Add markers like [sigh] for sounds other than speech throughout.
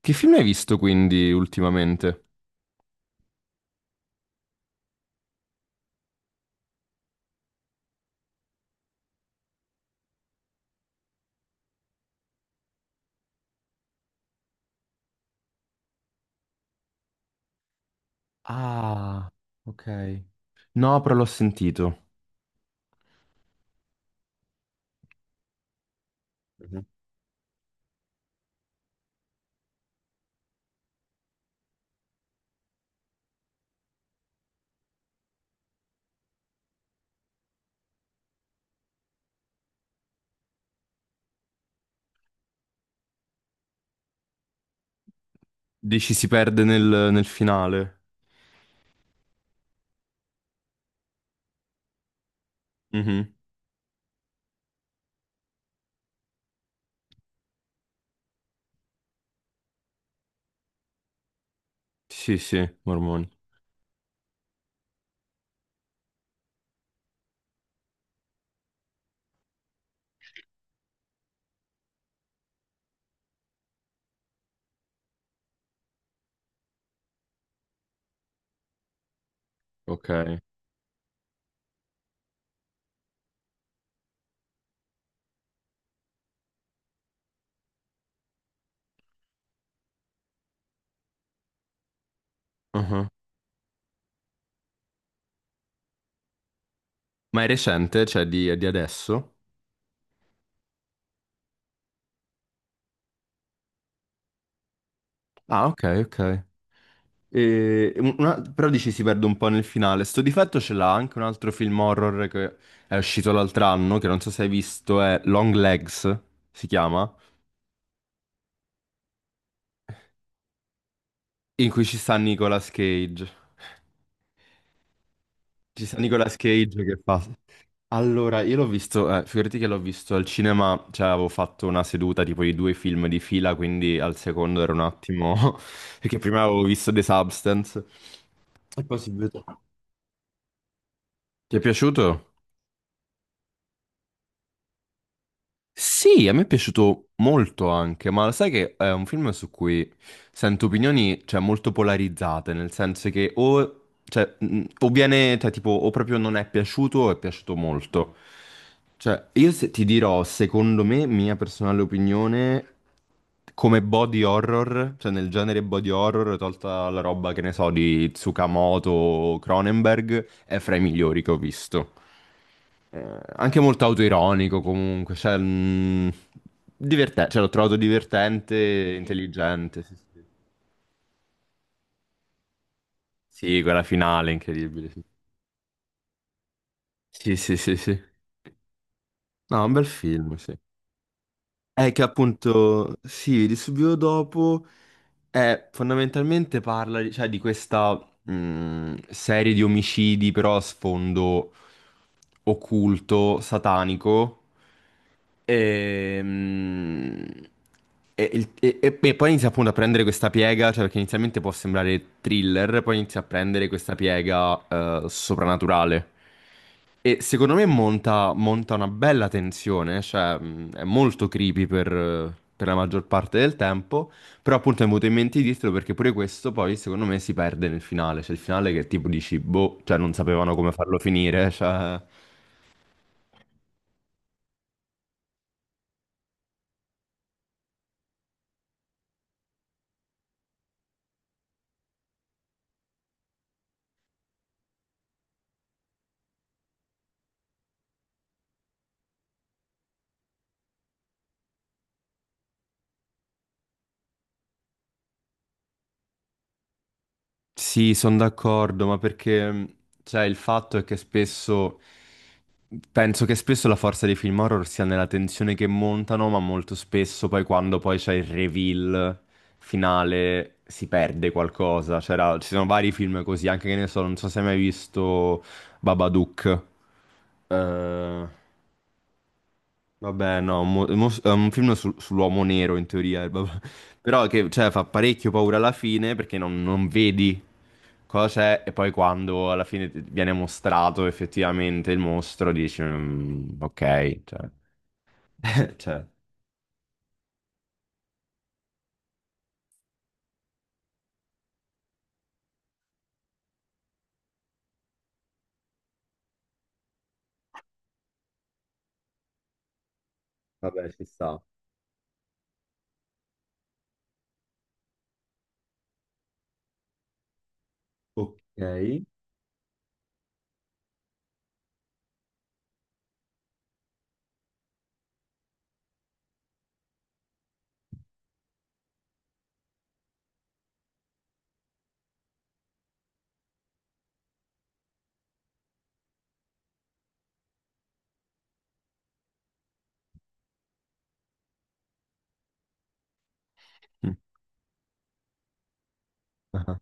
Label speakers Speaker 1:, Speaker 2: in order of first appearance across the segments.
Speaker 1: Che film hai visto quindi ultimamente? Ah, ok. No, però l'ho sentito. Mhm. Dici si perde nel, nel finale. Mhm. Sì, sì, Mormoni. Ok. Mhm. Ma è recente? Cioè di, è di adesso? Ah, ok, ok. Però dici si perde un po' nel finale. Sto difetto ce l'ha anche un altro film horror che è uscito l'altro anno, che non so se hai visto, è Long Legs, si chiama, in cui ci sta Nicolas Cage. Ci sta Nicolas Cage che fa. Allora, io l'ho visto, figurati che l'ho visto al cinema, cioè avevo fatto una seduta tipo di due film di fila, quindi al secondo era un attimo, [laughs] perché prima avevo visto The Substance. E poi si vede. Ti è piaciuto? Sì, a me è piaciuto molto anche, ma sai che è un film su cui sento opinioni, cioè, molto polarizzate, nel senso che o, cioè, o viene, tipo, o proprio non è piaciuto o è piaciuto molto. Cioè, io se- ti dirò, secondo me, mia personale opinione, come body horror, cioè nel genere body horror, tolta la roba, che ne so, di Tsukamoto o Cronenberg, è fra i migliori che ho visto. Anche molto autoironico comunque, cioè, divertente, cioè l'ho trovato divertente e intelligente. Sì, sì. Sì, quella finale è incredibile. Sì, sì, sì, sì, sì. No, un bel film, sì. È che appunto, sì, di subito dopo. Fondamentalmente parla, di cioè, di questa serie di omicidi, però a sfondo occulto, satanico. Ehm, e poi inizia appunto a prendere questa piega, cioè perché inizialmente può sembrare thriller, poi inizia a prendere questa piega soprannaturale. E secondo me monta, monta una bella tensione, cioè è molto creepy per la maggior parte del tempo. Però appunto mi è venuto in mente di dirtelo perché pure questo poi secondo me si perde nel finale. Cioè il finale che tipo dici, boh, cioè non sapevano come farlo finire. Cioè... Sì, sono d'accordo, ma perché cioè il fatto è che spesso... Penso che spesso la forza dei film horror sia nella tensione che montano, ma molto spesso poi quando poi c'è il reveal finale si perde qualcosa. C'era, ci sono vari film così, anche che ne so, non so se hai mai visto Babadook. Eh, Vabbè, no, è un film sull'uomo nero in teoria, [laughs] vabbè. Però che cioè, fa parecchio paura alla fine perché non, non vedi cosa è e poi quando alla fine ti viene mostrato effettivamente il mostro dici "Mm, ok, cioè, [laughs] cioè, vabbè, ci sta. Ok. Mm. Ah.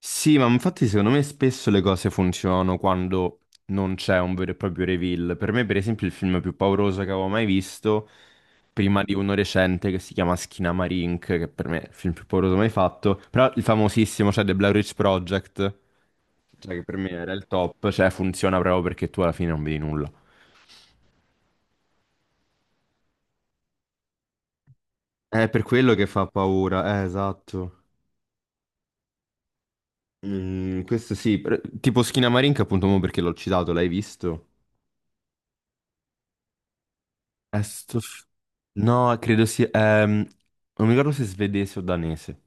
Speaker 1: Sì, ma infatti secondo me spesso le cose funzionano quando non c'è un vero e proprio reveal. Per me, per esempio, il film più pauroso che avevo mai visto prima di uno recente che si chiama Skinamarink, che per me è il film più pauroso mai fatto, però il famosissimo, cioè The Blair Witch Project, cioè che per me era il top, cioè funziona proprio perché tu alla fine non vedi nulla. È per quello che fa paura, esatto. Mm, questo sì, tipo Skinamarink appunto mo perché l'ho citato, l'hai visto? Eh, sto f- No, credo sia... non mi ricordo se è svedese o danese.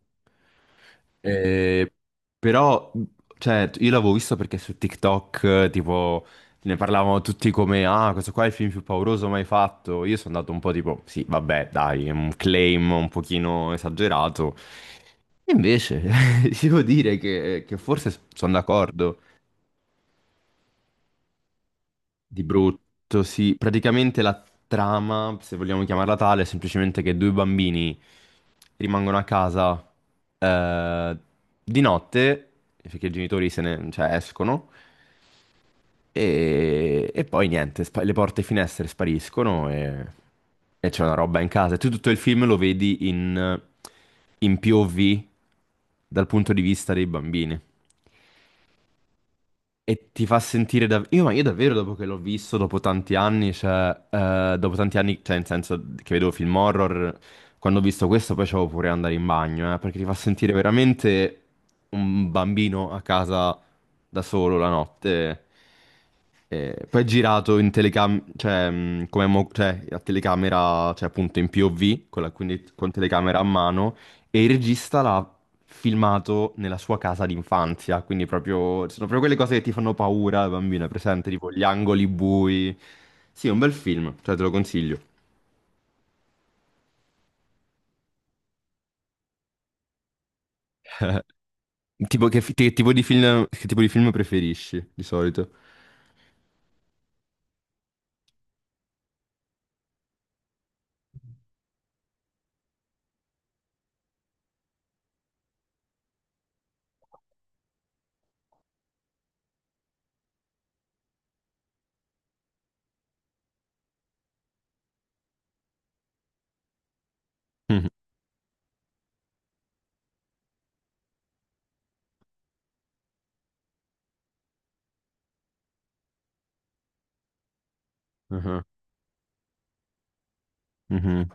Speaker 1: Eh, però, cioè, io l'avevo visto perché su TikTok, tipo, ne parlavano tutti come, ah, questo qua è il film più pauroso mai fatto. Io sono andato un po' tipo, sì, vabbè, dai, è un claim un pochino esagerato. Invece, [laughs] devo dire che forse sono d'accordo. Di brutto, sì. Praticamente la trama, se vogliamo chiamarla tale, è semplicemente che due bambini rimangono a casa eh, di notte, perché i genitori se ne, cioè, escono, e poi niente, le porte e finestre spariscono e c'è una roba in casa. E tu tutto il film lo vedi in, in POV dal punto di vista dei bambini. E ti fa sentire dav- io, ma io davvero dopo che l'ho visto, dopo tanti anni, cioè, dopo tanti anni, cioè, nel senso che vedevo film horror, quando ho visto questo poi c'avevo pure andare in bagno, perché ti fa sentire veramente un bambino a casa da solo la notte. Poi è girato in telecamera, cioè, a telecamera, cioè appunto in POV, quindi con telecamera a mano, e il regista l'ha filmato nella sua casa d'infanzia, quindi proprio, sono proprio quelle cose che ti fanno paura da bambina, presente, tipo gli angoli bui. Sì, è un bel film, cioè te lo consiglio. Che tipo di film, che tipo di film preferisci di solito? Mhm, mhm, mhm.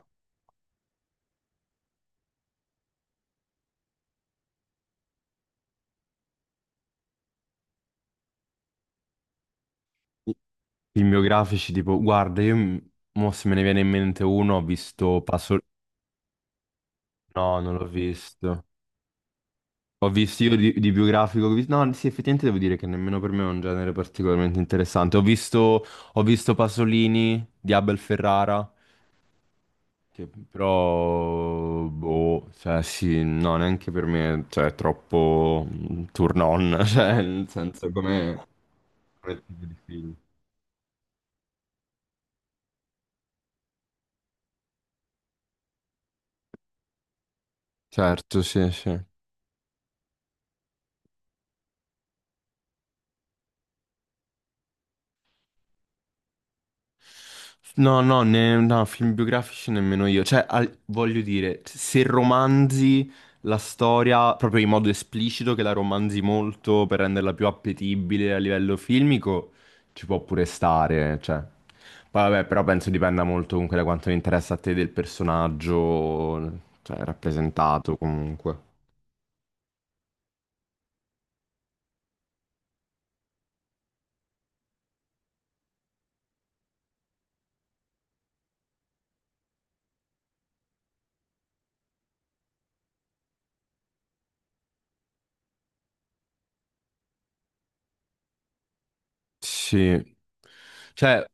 Speaker 1: Film biografici, tipo, guarda, mo se me ne viene in mente uno, ho visto Passo... No, non l'ho visto. Ho visto io di biografico, ho visto- no, sì, effettivamente devo dire che nemmeno per me è un genere particolarmente interessante. Ho visto Pasolini di Abel Ferrara, che però, boh, cioè sì, no, neanche per me, cioè è troppo turn on, [laughs] cioè nel senso come, come tipo di film. Certo, sì, sì. No, no, no, film biografici nemmeno io. Cioè, voglio dire, se romanzi la storia proprio in modo esplicito, che la romanzi molto per renderla più appetibile a livello filmico, ci può pure stare, cioè. Poi vabbè, però penso dipenda molto comunque da quanto interessa a te del personaggio, cioè, rappresentato comunque. Sì. Cioè,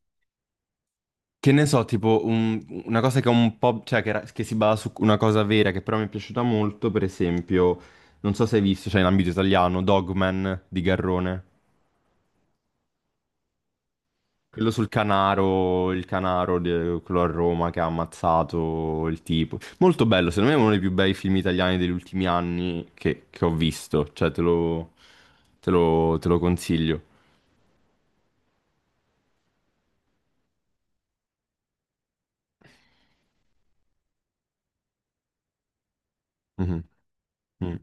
Speaker 1: che ne so, tipo una cosa che è un po', cioè che, che si basa su una cosa vera, che però mi è piaciuta molto, per esempio, non so se hai visto, cioè in ambito italiano, Dogman di Garrone. Quello sul Canaro, il Canaro, quello a Roma che ha ammazzato il tipo. Molto bello, secondo me è uno dei più bei film italiani degli ultimi anni che ho visto, cioè te lo, te lo, te lo consiglio. Mhm, mm.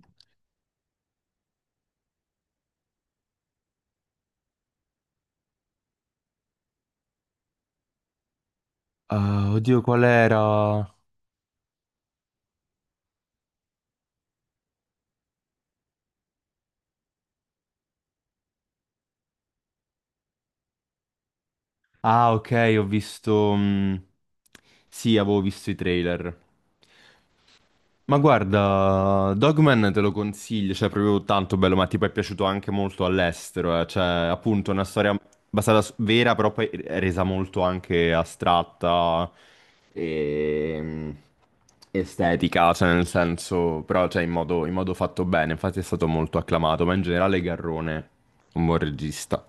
Speaker 1: Ah, oddio, qual era? Ah, ok, ho visto... sì, avevo visto i trailer. Ma guarda, Dogman te lo consiglio, cioè è proprio tanto bello, ma tipo è piaciuto anche molto all'estero, eh. Cioè, appunto, è una storia basata su vera, però poi è resa molto anche astratta e estetica, cioè nel senso, però cioè, in modo fatto bene, infatti è stato molto acclamato, ma in generale Garrone, un buon regista.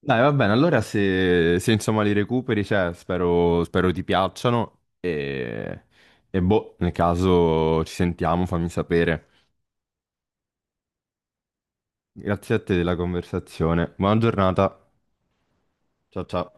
Speaker 1: Dai, va bene, allora se, se, insomma li recuperi, cioè, spero, spero ti piacciono e boh, nel caso ci sentiamo, fammi sapere. Grazie a te della conversazione. Buona giornata. Ciao ciao.